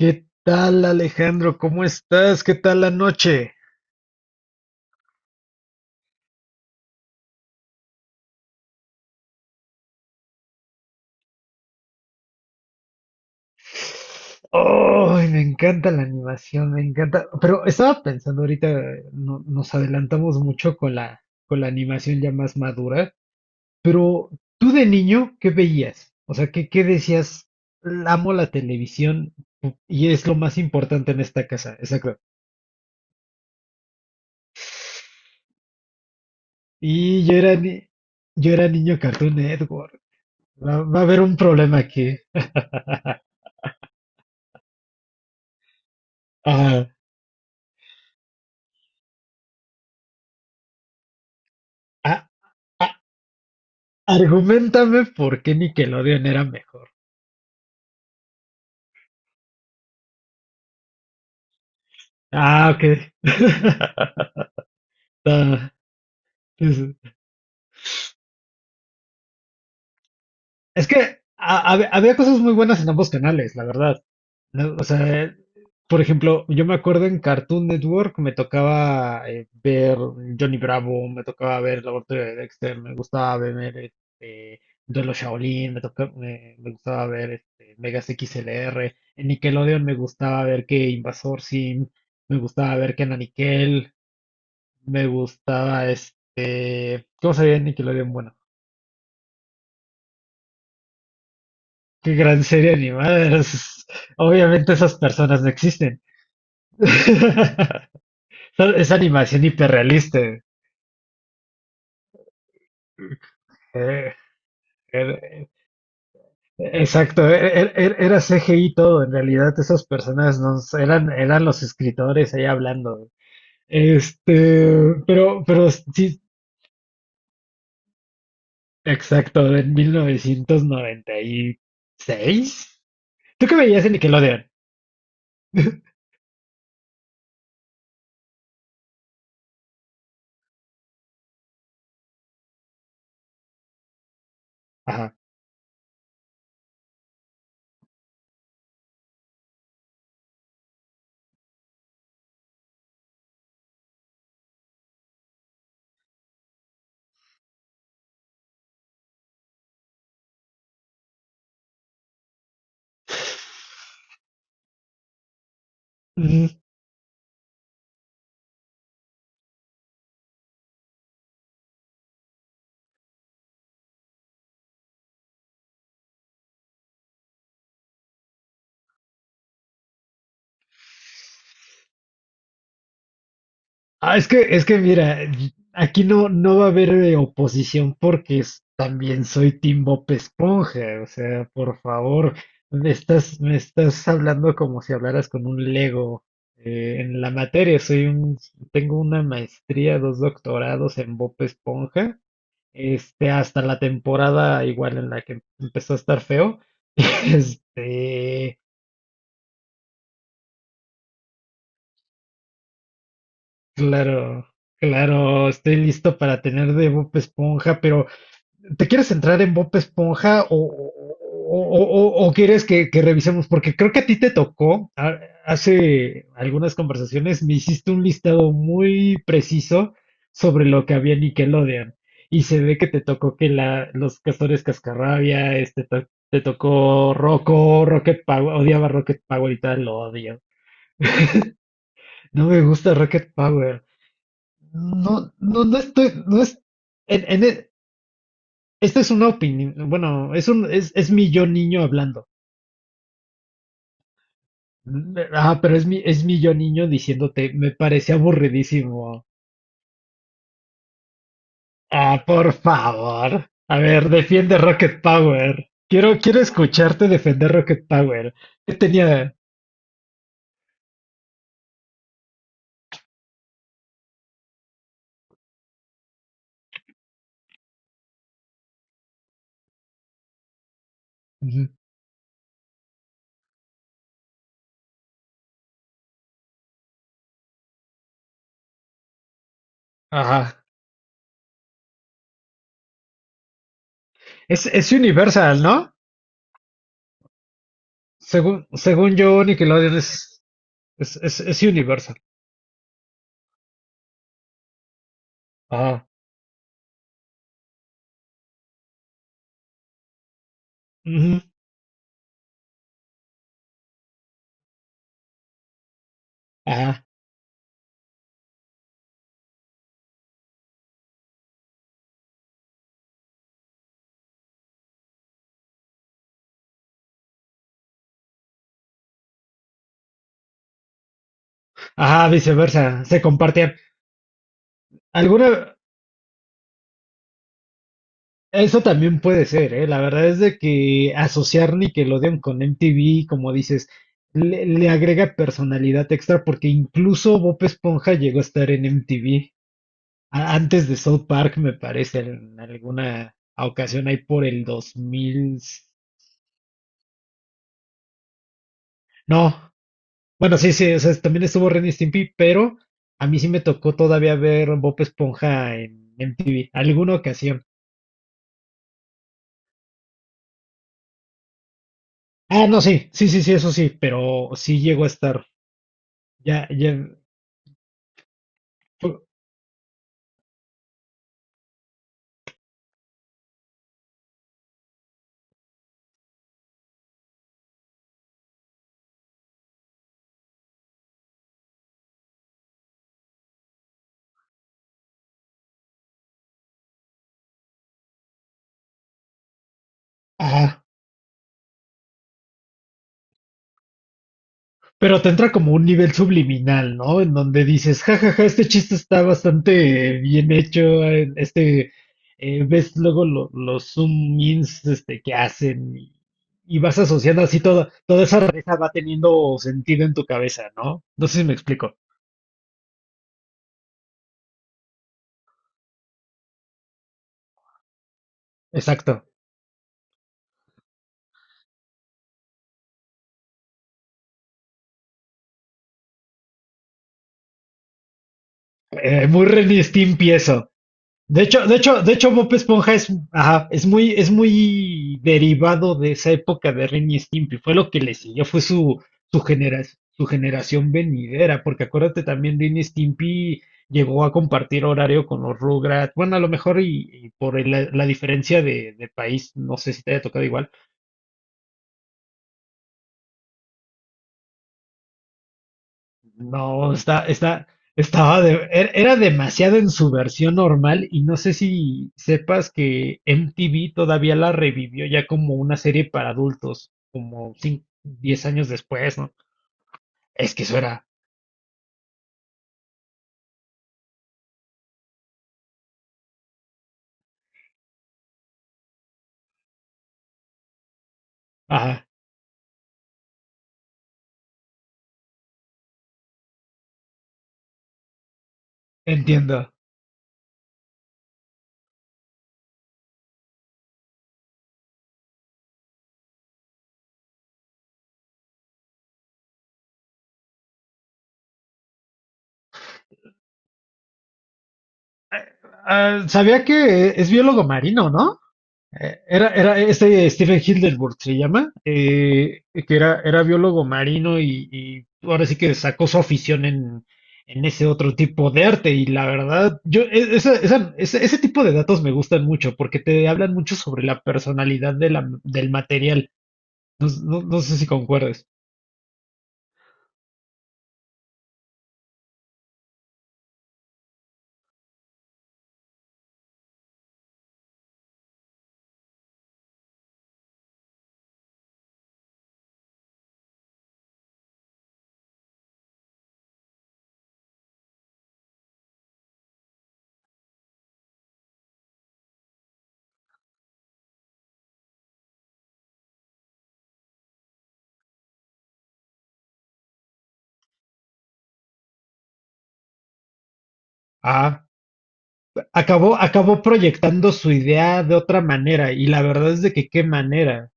¿Qué tal, Alejandro? ¿Cómo estás? ¿Qué tal la noche? ¡Ay, me encanta la animación, me encanta! Pero estaba pensando ahorita, nos adelantamos mucho con con la animación ya más madura. Pero tú de niño, ¿qué veías? O sea, ¿qué decías? Amo la televisión y es lo más importante en esta casa. Exacto. Y yo era, ni- yo era niño Cartoon Network. Va a haber un problema aquí. Ajá. Argumentame por qué Nickelodeon era mejor. Ah, ok. Ah, pues, es que había cosas muy buenas en ambos canales, la verdad. No, o sea, por ejemplo, yo me acuerdo en Cartoon Network me tocaba ver Johnny Bravo, me tocaba ver El Laboratorio de Dexter, me gustaba ver este, Duelo Shaolin, me gustaba ver este, Megas XLR. En Nickelodeon me gustaba ver que Invasor Sim, me gustaba ver que Nickel. Me gustaba este. ¿Cómo sabía Nickelodeon? Bueno, qué gran serie animada. Obviamente esas personas no existen. Es animación hiperrealista. eh, era- Exacto, era CGI todo, en realidad esas personas no s- eran, eran los escritores ahí hablando. Este, pero sí, exacto, en 1996. ¿Tú qué veías en Nickelodeon? Ajá. Ah, es que mira, aquí no va a haber oposición porque también soy Team Bob Esponja. O sea, por favor, me estás hablando como si hablaras con un Lego. En la materia, tengo una maestría, dos doctorados en Bob Esponja. Este, hasta la temporada igual en la que empezó a estar feo. Este, claro, claro, estoy listo para tener de Bob Esponja, pero. ¿Te quieres entrar en Bob Esponja o quieres que revisemos? Porque creo que a ti te tocó, hace algunas conversaciones me hiciste un listado muy preciso sobre lo que había en Nickelodeon. Y se ve que te tocó que los castores cascarrabia, este, te tocó Rocco, Rocket Power, odiaba Rocket Power y tal, lo odio. No me gusta Rocket Power. No, no, no estoy, no es, en esta es una opinión, bueno, es mi yo niño hablando. Ah, pero es mi yo niño diciéndote, me parece aburridísimo. Ah, por favor. A ver, defiende Rocket Power. Quiero escucharte defender Rocket Power. ¿Qué tenía? Ujú. Ajá. Es Universal, ¿no? Según yo, Nickelodeon es Universal. Ajá. Ujú. Ajá. Ajá, viceversa. Se compartían. ¿Alguna, Eso también puede ser, ¿eh? La verdad es de que asociar Nickelodeon con MTV, como dices, le agrega personalidad extra porque incluso Bob Esponja llegó a estar en MTV antes de South Park, me parece, en alguna ocasión ahí por el 2000. No, bueno, sí, sí, o sea, también estuvo Ren y Stimpy, pero a mí sí me tocó todavía ver Bob Esponja en MTV, alguna ocasión. Ah, no, sí, sí, sí, sí, eso sí, pero sí llegó a estar. Ya, ya. Ajá. Pero te entra como un nivel subliminal, ¿no? En donde dices, jajaja, este chiste está bastante bien hecho, ves luego los zoom ins que hacen y vas asociando así toda esa rareza va teniendo sentido en tu cabeza, ¿no? No sé si me explico. Exacto. Muy Ren y Stimpy eso. De hecho, Bob Esponja es, ajá, es muy derivado de esa época de Ren y Stimpy. Fue lo que le siguió, fue su su generación venidera, porque acuérdate también, Ren y Stimpy llegó a compartir horario con los Rugrats. Bueno, a lo mejor y por la diferencia de país, no sé si te haya tocado igual. No, está, está, estaba de- er- era demasiado en su versión normal y no sé si sepas que MTV todavía la revivió ya como una serie para adultos, como 5, 10 años después, ¿no? Es que eso era. Ajá, entiendo. Ah, sabía que es biólogo marino, ¿no? Era este Stephen Hildenburg, se llama, era biólogo marino y ahora sí que sacó su afición en, ese otro tipo de arte. Y la verdad, yo, e- esa- esa- ese tipo de datos me gustan mucho porque te hablan mucho sobre la personalidad de del material. No, no sé si concuerdes. Ah, acabó proyectando su idea de otra manera y la verdad es de que qué manera.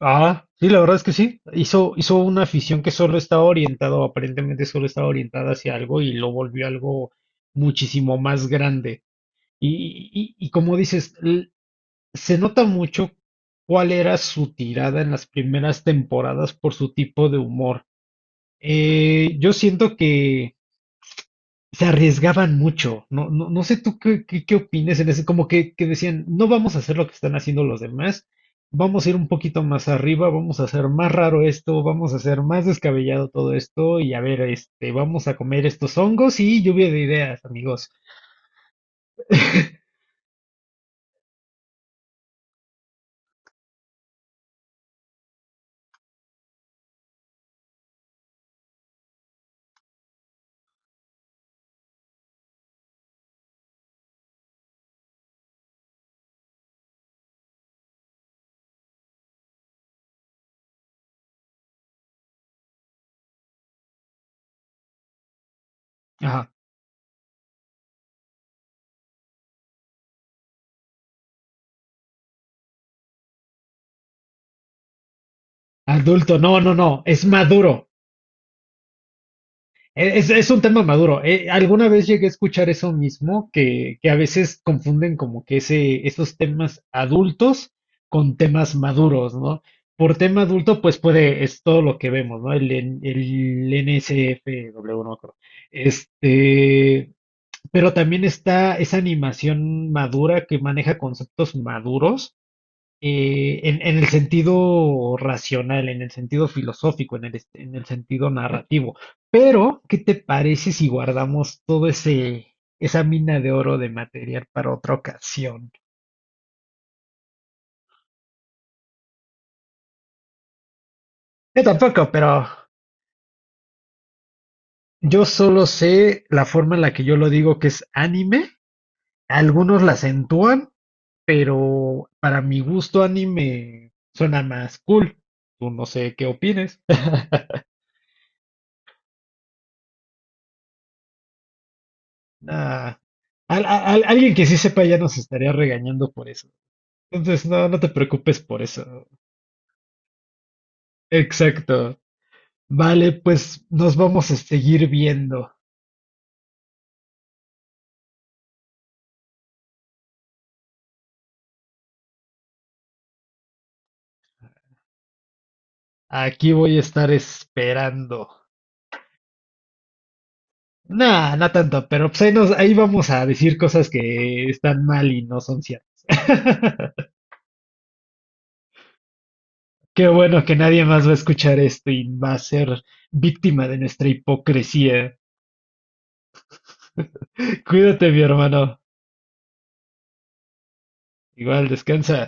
Ah, sí, la verdad es que sí. Hizo una afición que solo estaba orientado, aparentemente solo estaba orientada hacia algo y lo volvió algo muchísimo más grande. Y como dices, se nota mucho cuál era su tirada en las primeras temporadas por su tipo de humor. Yo siento que se arriesgaban mucho. No, no, no sé tú qué opines en ese, como que decían, no vamos a hacer lo que están haciendo los demás, vamos a ir un poquito más arriba, vamos a hacer más raro esto, vamos a hacer más descabellado todo esto, y a ver, este, vamos a comer estos hongos y lluvia de ideas, amigos. Ajá. Adulto, no, no, no, es maduro. Es un tema maduro. Alguna vez llegué a escuchar eso mismo, que a veces confunden como que esos temas adultos con temas maduros, ¿no? Por tema adulto, pues puede, es todo lo que vemos, ¿no? El NSFW, no me acuerdo. Este, pero también está esa animación madura que maneja conceptos maduros en el sentido racional, en el sentido filosófico, en el sentido narrativo. Pero, ¿qué te parece si guardamos esa mina de oro de material para otra ocasión? Yo tampoco, pero yo solo sé la forma en la que yo lo digo que es anime. Algunos la acentúan, pero para mi gusto anime suena más cool. Tú no sé qué opines. Nah. Alguien que sí sepa ya nos estaría regañando por eso. Entonces, no te preocupes por eso. Exacto. Vale, pues nos vamos a seguir viendo. Aquí voy a estar esperando. Nah, no tanto, pero pues ahí vamos a decir cosas que están mal y no son ciertas. Qué bueno que nadie más va a escuchar esto y va a ser víctima de nuestra hipocresía. Cuídate, mi hermano. Igual, descansa.